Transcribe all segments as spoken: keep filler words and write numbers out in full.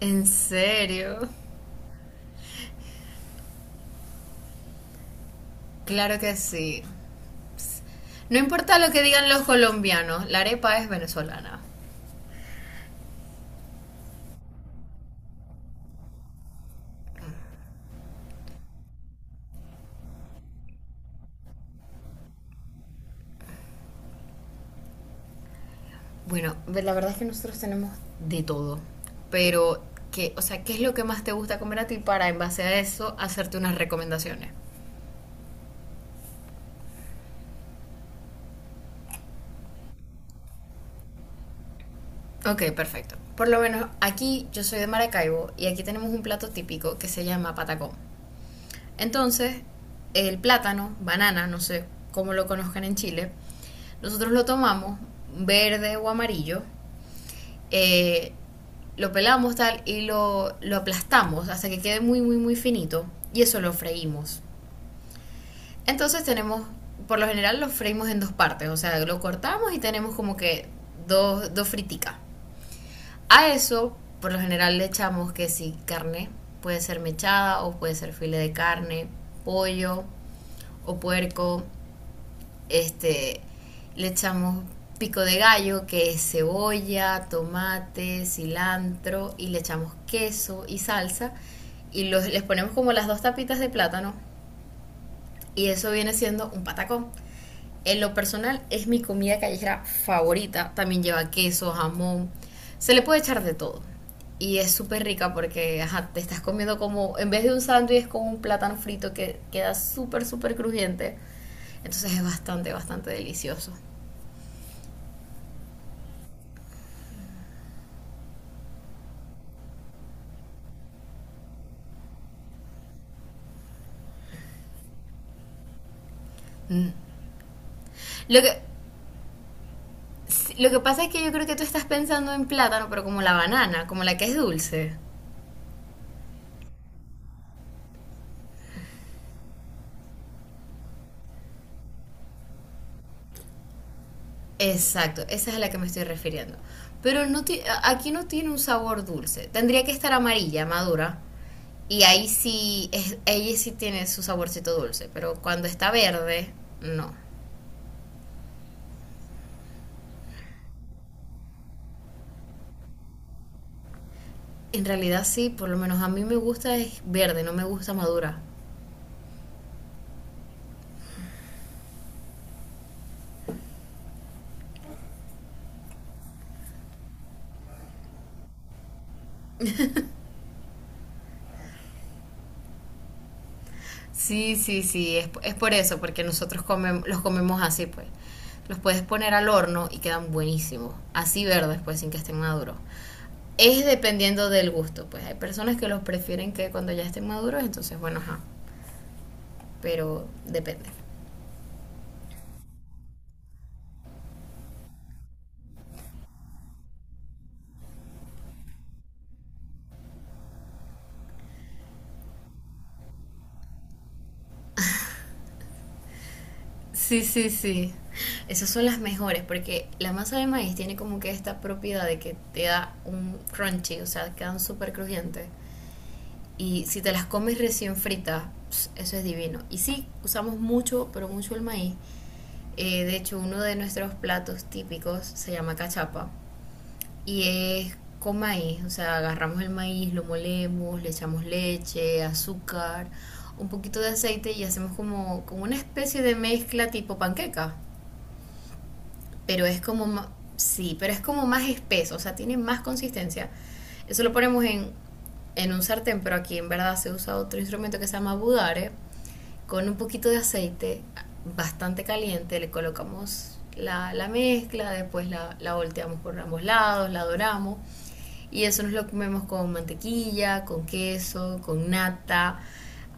¿En serio? Claro que sí. No importa lo que digan los colombianos, la arepa es venezolana. Bueno, la verdad es que nosotros tenemos de todo, pero que, o sea, ¿qué es lo que más te gusta comer a ti para en base a eso hacerte unas recomendaciones? Ok, perfecto. Por lo menos aquí yo soy de Maracaibo y aquí tenemos un plato típico que se llama patacón. Entonces, el plátano, banana, no sé cómo lo conozcan en Chile, nosotros lo tomamos verde o amarillo, eh, lo pelamos tal y lo, lo aplastamos hasta que quede muy, muy, muy finito. Y eso lo freímos. Entonces tenemos, por lo general lo freímos en dos partes, o sea, lo cortamos y tenemos como que dos, dos friticas. A eso, por lo general le echamos que si carne, puede ser mechada o puede ser filete de carne, pollo o puerco, este, le echamos pico de gallo, que es cebolla, tomate, cilantro, y le echamos queso y salsa, y los, les ponemos como las dos tapitas de plátano, y eso viene siendo un patacón. En lo personal es mi comida callejera favorita, también lleva queso, jamón, se le puede echar de todo, y es súper rica porque ajá, te estás comiendo como, en vez de un sándwich, es como un plátano frito que queda súper, súper crujiente, entonces es bastante, bastante delicioso. Lo que, sí, lo que pasa es que yo creo que tú estás pensando en plátano, pero como la banana, como la que es dulce. Exacto, esa es a la que me estoy refiriendo. Pero no ti- a- aquí no tiene un sabor dulce. Tendría que estar amarilla, madura. Y ahí sí, es- ella sí tiene su saborcito dulce. Pero cuando está verde, no. En realidad sí, por lo menos a mí me gusta es verde, no me gusta madura. Sí, sí, sí, es, es por eso, porque nosotros comem- los comemos así, pues. Los puedes poner al horno y quedan buenísimos, así verdes, pues, sin que estén maduros. Es dependiendo del gusto, pues. Hay personas que los prefieren que cuando ya estén maduros, entonces, bueno, ajá, pero depende. Sí, sí, sí. Esas son las mejores, porque la masa de maíz tiene como que esta propiedad de que te da un crunchy, o sea, quedan súper crujientes. Y si te las comes recién fritas, pss, eso es divino. Y sí, usamos mucho, pero mucho el maíz. Eh, de hecho, uno de nuestros platos típicos se llama cachapa y es con maíz. O sea, agarramos el maíz, lo molemos, le echamos leche, azúcar, un poquito de aceite y hacemos como, como una especie de mezcla tipo panqueca, pero es como, ma- sí, pero es como más espeso, o sea, tiene más consistencia. Eso lo ponemos en, en un sartén, pero aquí en verdad se usa otro instrumento que se llama budare, con un poquito de aceite bastante caliente, le colocamos la, la mezcla, después la, la volteamos por ambos lados, la doramos, y eso nos lo comemos con mantequilla, con queso, con nata,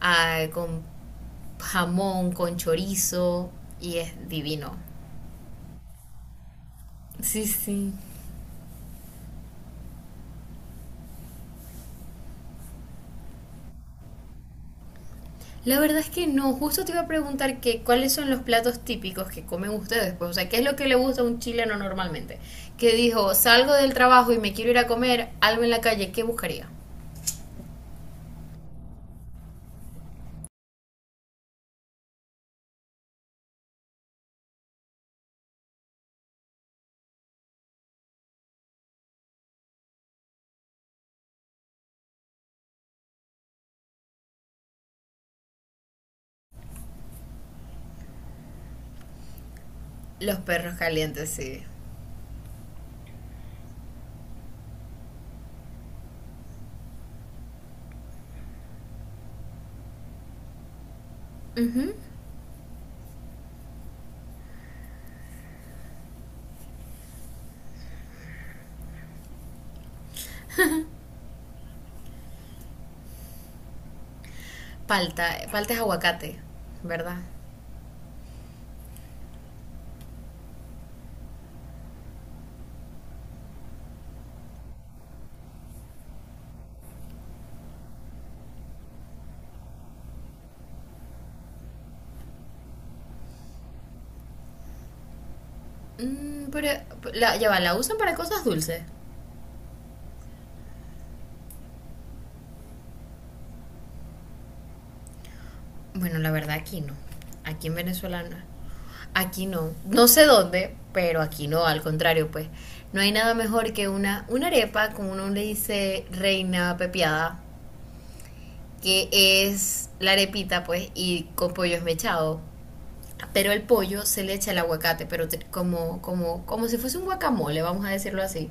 ah, con jamón, con chorizo, y es divino. Sí, sí. La verdad es que no, justo te iba a preguntar que cuáles son los platos típicos que comen ustedes, pues, o sea, qué es lo que le gusta a un chileno normalmente. Que dijo, salgo del trabajo y me quiero ir a comer algo en la calle, ¿qué buscaría? Los perros calientes, sí. Ujú. Palta, palta es aguacate, ¿verdad? Mm, pero la, ya va, ¿la usan para cosas dulces? Bueno, la verdad aquí no. Aquí en Venezuela no. Aquí no. No sé dónde, pero aquí no, al contrario, pues. No hay nada mejor que una, una arepa, como uno le dice reina pepiada, que es la arepita, pues, y con pollo esmechado. Pero el pollo se le echa el aguacate, pero te- como, como, como si fuese un guacamole, vamos a decirlo así.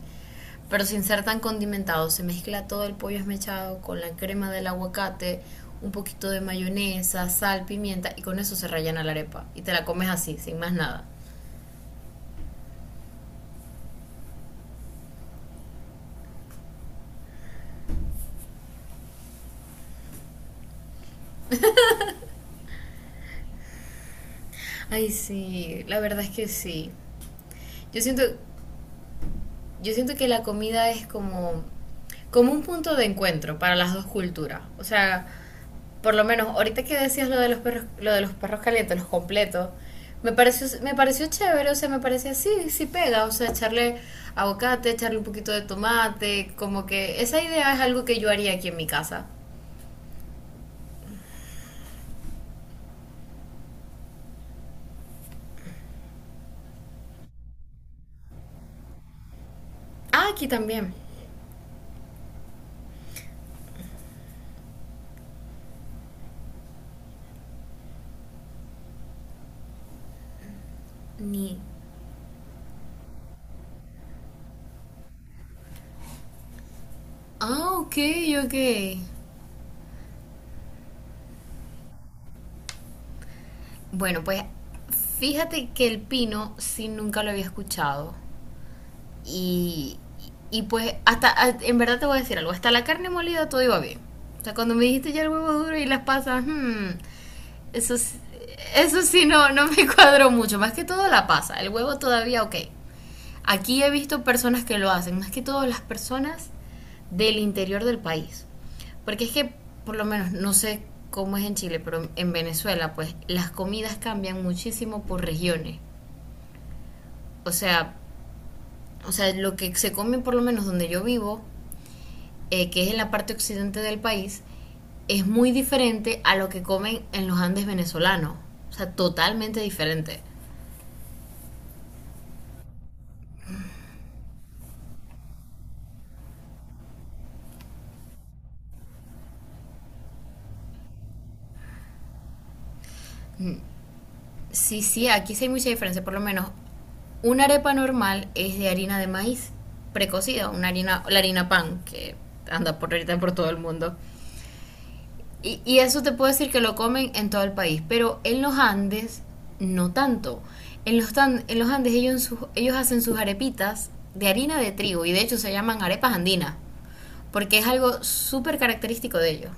Pero sin ser tan condimentado, se mezcla todo el pollo esmechado con la crema del aguacate, un poquito de mayonesa, sal, pimienta, y con eso se rellena la arepa. Y te la comes así, sin más nada. Ay, sí, la verdad es que sí. Yo siento, yo siento que la comida es como, como un punto de encuentro para las dos culturas. O sea, por lo menos ahorita que decías lo de los perros, lo de los perros calientes, los completos, me pareció, me pareció chévere, o sea, me parecía sí, sí pega, o sea, echarle aguacate, echarle un poquito de tomate, como que esa idea es algo que yo haría aquí en mi casa. Ah, aquí también. Ni. Ah, ok, ok. Bueno, pues fíjate que el pino sí nunca lo había escuchado. Y, y pues hasta, a- en verdad te voy a decir algo, hasta la carne molida todo iba bien. O sea, cuando me dijiste ya el huevo duro y las pasas, hmm, eso, s- eso sí no, no me cuadró mucho. Más que todo la pasa, el huevo todavía ok. Aquí he visto personas que lo hacen, más que todo las personas del interior del país. Porque es que, por lo menos, no sé cómo es en Chile, pero en Venezuela, pues las comidas cambian muchísimo por regiones. O sea, o sea, lo que se come, por lo menos donde yo vivo, eh, que es en la parte occidente del país, es muy diferente a lo que comen en los Andes venezolanos. O sea, totalmente diferente. Sí, sí, aquí sí hay mucha diferencia. Por lo menos, una arepa normal es de harina de maíz precocida, una harina, la harina pan, que anda por ahorita por todo el mundo. Y, y eso te puedo decir que lo comen en todo el país, pero en los Andes no tanto. En los, tan- en los Andes ellos, en sus- ellos hacen sus arepitas de harina de trigo y de hecho se llaman arepas andinas, porque es algo súper característico de ellos.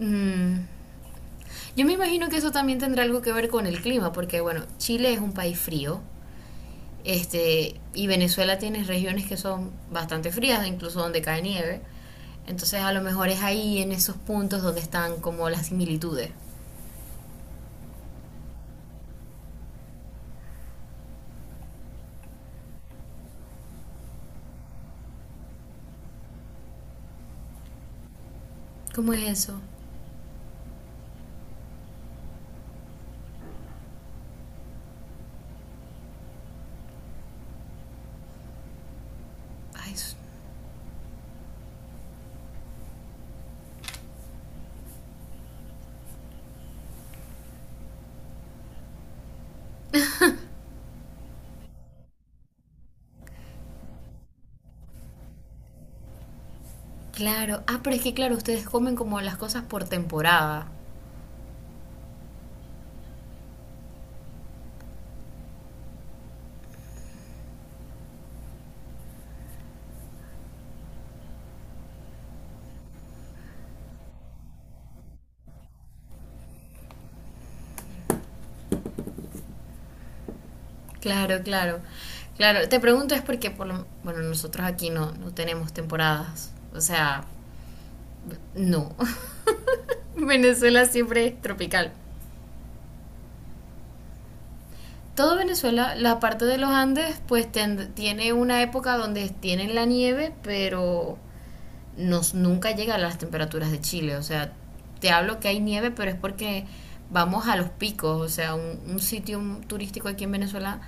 Mm, yo me imagino que eso también tendrá algo que ver con el clima, porque bueno, Chile es un país frío. Este, y Venezuela tiene regiones que son bastante frías, incluso donde cae nieve. Entonces a lo mejor es ahí en esos puntos donde están como las similitudes. ¿Cómo es eso? Ay, claro. Ah, pero es que claro, ustedes comen como las cosas por temporada. Claro, claro. Claro, te pregunto es porque por lo- bueno, nosotros aquí no no tenemos temporadas. O sea, no. Venezuela siempre es tropical. Todo Venezuela, la parte de los Andes, pues ten- tiene una época donde tienen la nieve, pero nos, nunca llega a las temperaturas de Chile. O sea, te hablo que hay nieve, pero es porque vamos a los picos. O sea, un, un sitio turístico aquí en Venezuela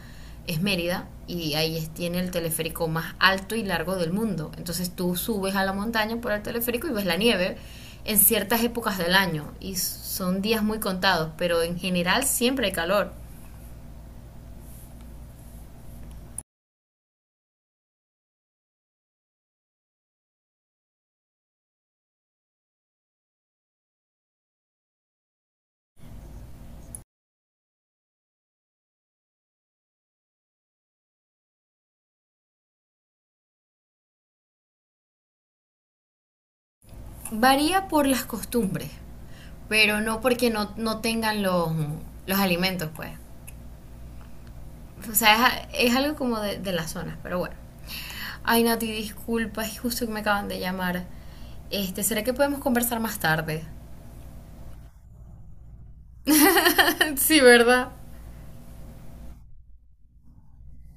es Mérida y ahí es- tiene el teleférico más alto y largo del mundo. Entonces tú subes a la montaña por el teleférico y ves la nieve en ciertas épocas del año y son días muy contados, pero en general siempre hay calor. Varía por las costumbres, pero no porque no, no tengan los, los alimentos, pues. O sea, es, es algo como de, de las zonas, pero bueno. Ay, Nati, disculpa, es justo que me acaban de llamar. Este, ¿será que podemos conversar más tarde? Sí, ¿verdad?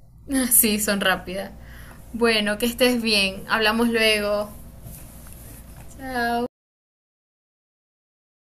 Sí, son rápidas. Bueno, que estés bien. Hablamos luego. Chao.